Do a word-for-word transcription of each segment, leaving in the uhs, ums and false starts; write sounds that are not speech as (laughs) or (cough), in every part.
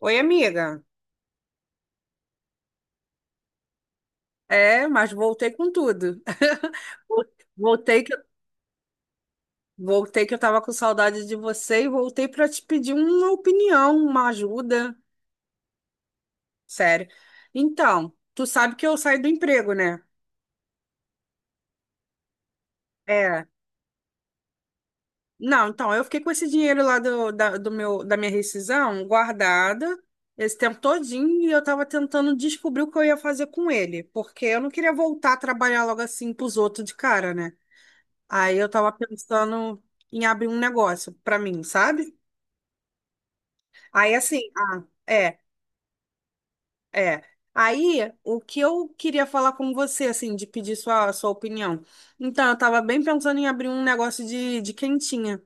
Oi, amiga. É, mas voltei com tudo. (laughs) Vol- Voltei que, voltei que eu tava com saudade de você e voltei para te pedir uma opinião, uma ajuda. Sério. Então, tu sabe que eu saí do emprego, né? É. Não, então, eu fiquei com esse dinheiro lá do, da, do meu, da minha rescisão guardada esse tempo todinho e eu tava tentando descobrir o que eu ia fazer com ele, porque eu não queria voltar a trabalhar logo assim pros outros de cara, né? Aí eu tava pensando em abrir um negócio pra mim, sabe? Aí assim, ah, é, é. Aí o que eu queria falar com você, assim, de pedir sua, sua opinião. Então, eu tava bem pensando em abrir um negócio de, de quentinha,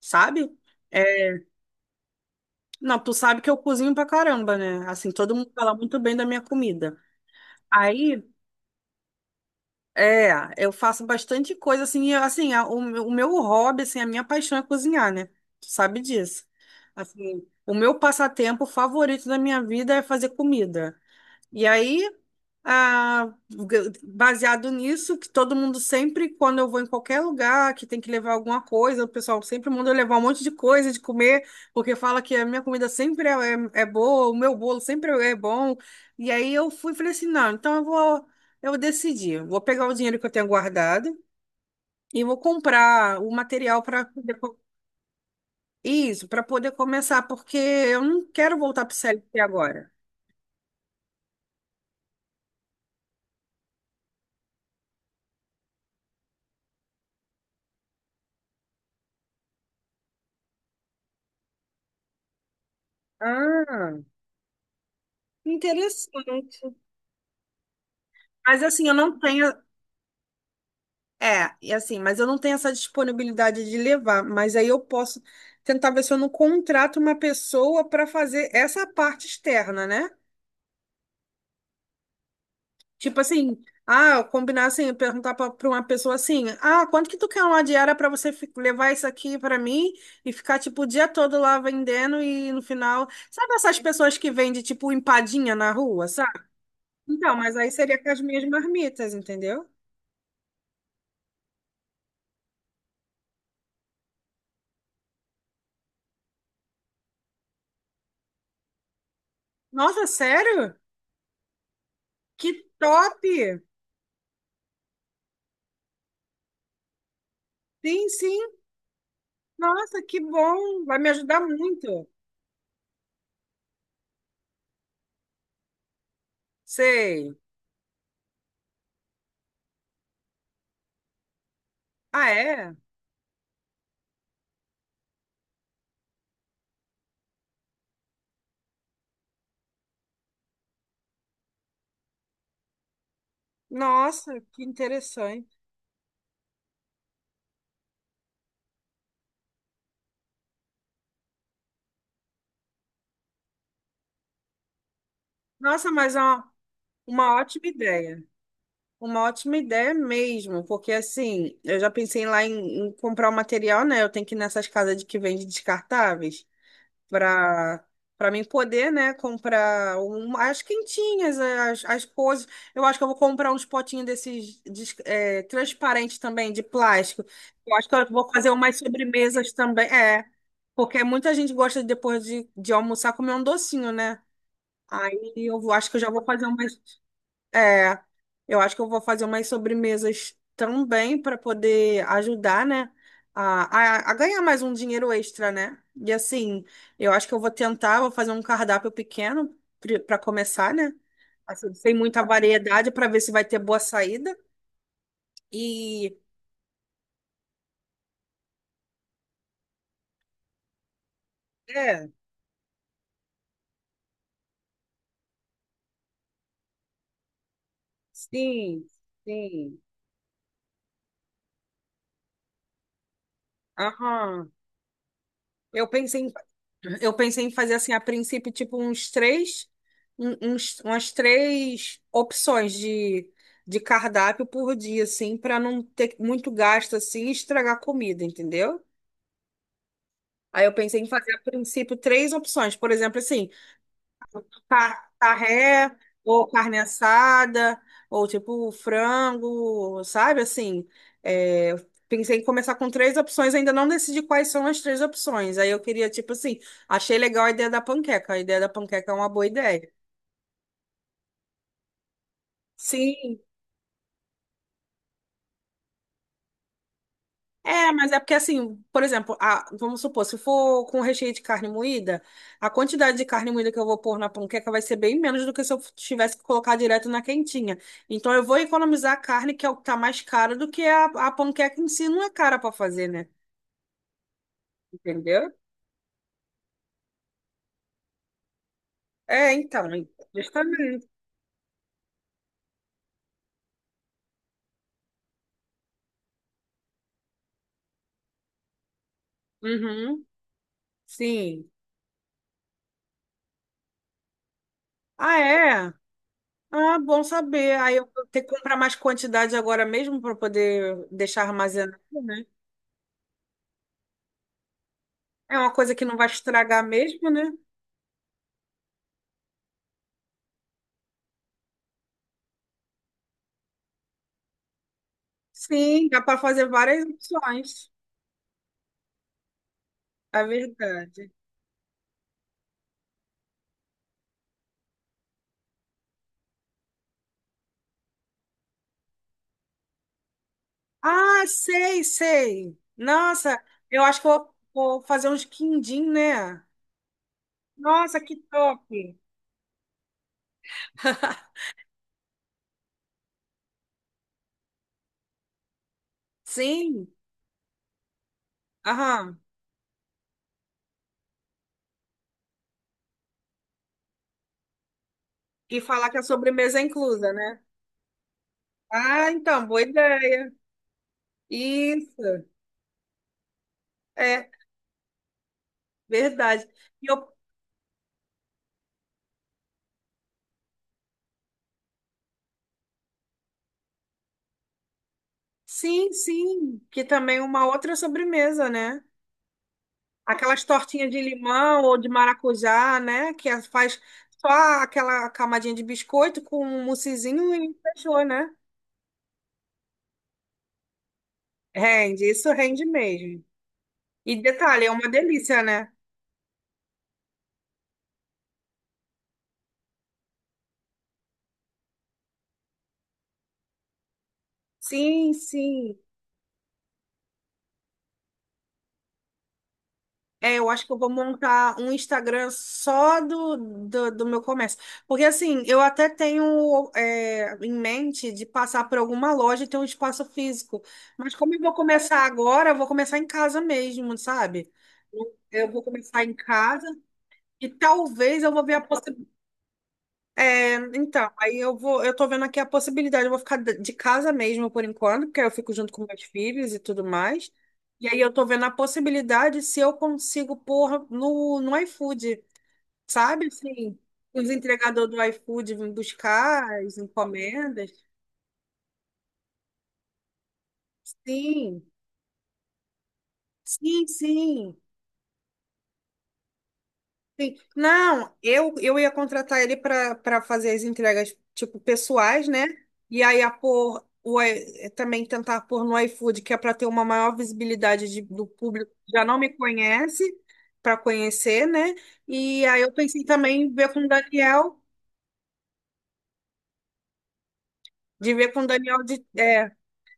sabe? É, não, tu sabe que eu cozinho pra caramba, né? Assim, todo mundo fala muito bem da minha comida. Aí é, eu faço bastante coisa assim, e, assim, a- o, meu- o meu hobby, assim, a minha paixão é cozinhar, né? Tu sabe disso. Assim, o meu passatempo favorito da minha vida é fazer comida. E aí, ah, baseado nisso, que todo mundo sempre, quando eu vou em qualquer lugar que tem que levar alguma coisa, o pessoal sempre manda eu levar um monte de coisa de comer, porque fala que a minha comida sempre é, é, é boa, o meu bolo sempre é bom. E aí eu fui e falei assim: não, então eu vou, eu decidi, vou pegar o dinheiro que eu tenho guardado e vou comprar o material para isso, para poder começar, porque eu não quero voltar para o C L T agora. Ah, interessante. Mas assim, eu não tenho. É, e assim, mas eu não tenho essa disponibilidade de levar, mas aí eu posso tentar ver se eu não contrato uma pessoa para fazer essa parte externa, né? Tipo assim, ah, combinar assim, perguntar para uma pessoa assim: "Ah, quanto que tu quer uma diária para você fi- levar isso aqui para mim e ficar tipo o dia todo lá vendendo e no final, sabe essas pessoas que vendem tipo empadinha na rua, sabe? Então, mas aí seria com as minhas marmitas, entendeu? Nossa, sério? Que top! Sim, sim. Nossa, que bom! Vai me ajudar muito. Sei. Ah, é? Nossa, que interessante. Nossa, mas é uma, uma ótima ideia. Uma ótima ideia mesmo, porque assim, eu já pensei lá em, em comprar o material, né? Eu tenho que ir nessas casas de que vende descartáveis, para para mim poder, né, comprar um, as quentinhas, as, as coisas. Eu acho que eu vou comprar uns potinhos desses des- é, transparentes também, de plástico. Eu acho que eu vou fazer umas sobremesas também. É, porque muita gente gosta de, depois de, de almoçar comer um docinho, né? Aí eu vou- acho que eu já vou fazer umas. É, eu acho que eu vou fazer umas sobremesas também para poder ajudar, né? A, a, a ganhar mais um dinheiro extra, né? E assim, eu acho que eu vou tentar, vou fazer um cardápio pequeno para começar, né? Assim, sem muita variedade para ver se vai ter boa saída. E é, sim, sim. Aham. Eu pensei em Eu pensei em fazer assim, a princípio, tipo, uns três, um- uns, umas três opções de, de cardápio por dia, assim, para não ter muito gasto assim e estragar a comida, entendeu? Aí eu pensei em fazer a princípio três opções. Por exemplo, assim, Car- Carré, ou carne assada, ou tipo frango, sabe? Assim, é, pensei em começar com três opções, ainda não decidi quais são as três opções. Aí eu queria, tipo assim, achei legal a ideia da panqueca. A ideia da panqueca é uma boa ideia. Sim, é, mas é porque assim, por exemplo, a- vamos supor, se for com recheio de carne moída, a quantidade de carne moída que eu vou pôr na panqueca vai ser bem menos do que se eu tivesse que colocar direto na quentinha. Então eu vou economizar a carne, que é o que tá mais caro, do que a, a panqueca em si não é cara para fazer, né? Entendeu? É, então, justamente. Uhum, sim. Ah, é? Ah, bom saber. Aí eu vou ter que comprar mais quantidade agora mesmo para poder deixar armazenado, né? É uma coisa que não vai estragar mesmo, né? Sim, dá para fazer várias opções. É verdade. Ah, sei, sei. Nossa, eu acho que eu vou, vou fazer uns quindim, né? Nossa, que top. (laughs) Sim, aham. E falar que a sobremesa é inclusa, né? Ah, então, boa ideia. Isso, é verdade. E eu, sim, sim, que também é uma outra sobremesa, né? Aquelas tortinhas de limão ou de maracujá, né? Que as- faz só aquela camadinha de biscoito com um moussezinho e fechou, né? Rende, isso rende mesmo. E detalhe, é uma delícia, né? Sim, sim. É, eu acho que eu vou montar um Instagram só do, do, do meu comércio. Porque, assim, eu até tenho é, em mente de passar por alguma loja e ter um espaço físico. Mas como eu vou começar agora, eu vou começar em casa mesmo, sabe? Eu vou começar em casa e talvez eu vou ver a possibilidade. Então, aí eu vou, eu tô vendo aqui a possibilidade, eu vou ficar de de casa mesmo por enquanto, porque eu fico junto com meus filhos e tudo mais. E aí eu tô vendo a possibilidade se eu consigo pôr no, no iFood, sabe? Assim, os entregadores do iFood vêm buscar as encomendas. Sim, sim, sim. Sim. Não, eu, eu ia contratar ele para para fazer as entregas, tipo, pessoais, né? E aí a pôr, o, i- eh, também tentar pôr no iFood, que é para ter uma maior visibilidade de- do público que já não me conhece, para conhecer, né? E aí eu pensei também em ver com o Daniel, de ver com o Daniel de, é,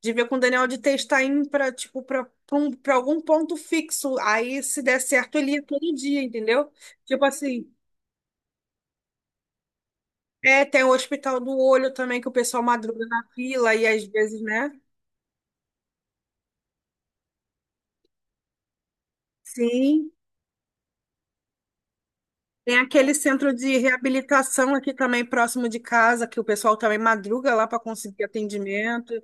de ver com o Daniel de testar em para tipo, para um, para algum ponto fixo. Aí, se der certo, ele ia todo dia, entendeu? Tipo assim. É, tem o Hospital do Olho também, que o pessoal madruga na fila e às vezes, né? Sim. Tem aquele centro de reabilitação aqui também, próximo de casa, que o pessoal também madruga lá para conseguir atendimento.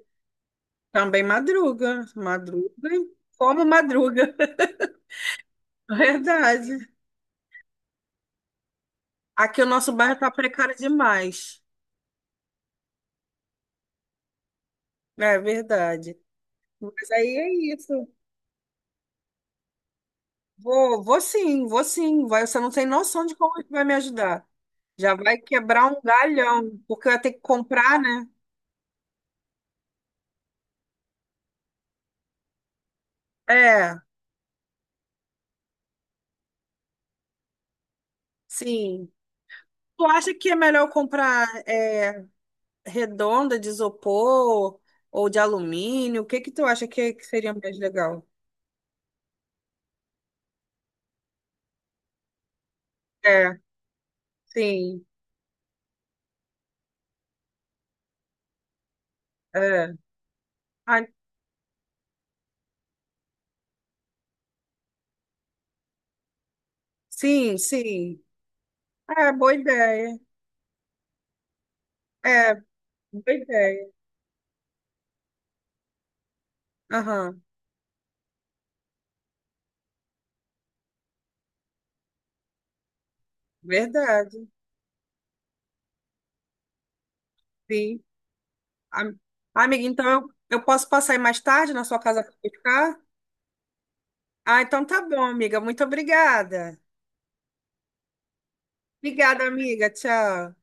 Também madruga, madruga, como madruga. (laughs) Verdade. Aqui o nosso bairro está precário demais. É verdade. Mas aí é isso. Vou, vou sim, vou sim. Vai, você não tem noção de como é que vai me ajudar. Já vai quebrar um galhão, porque eu ia ter que comprar, né? É, sim. Tu acha que é melhor comprar é, redonda de isopor ou de alumínio? O que que tu acha que, é que seria mais legal? É, sim, é. Ah, sim, sim. É, boa ideia. É, boa ideia. Aham, verdade. Sim. Am- Amiga, então eu, eu posso passar aí mais tarde na sua casa para ficar? Ah, então tá bom, amiga. Muito obrigada. Obrigada, amiga. Tchau.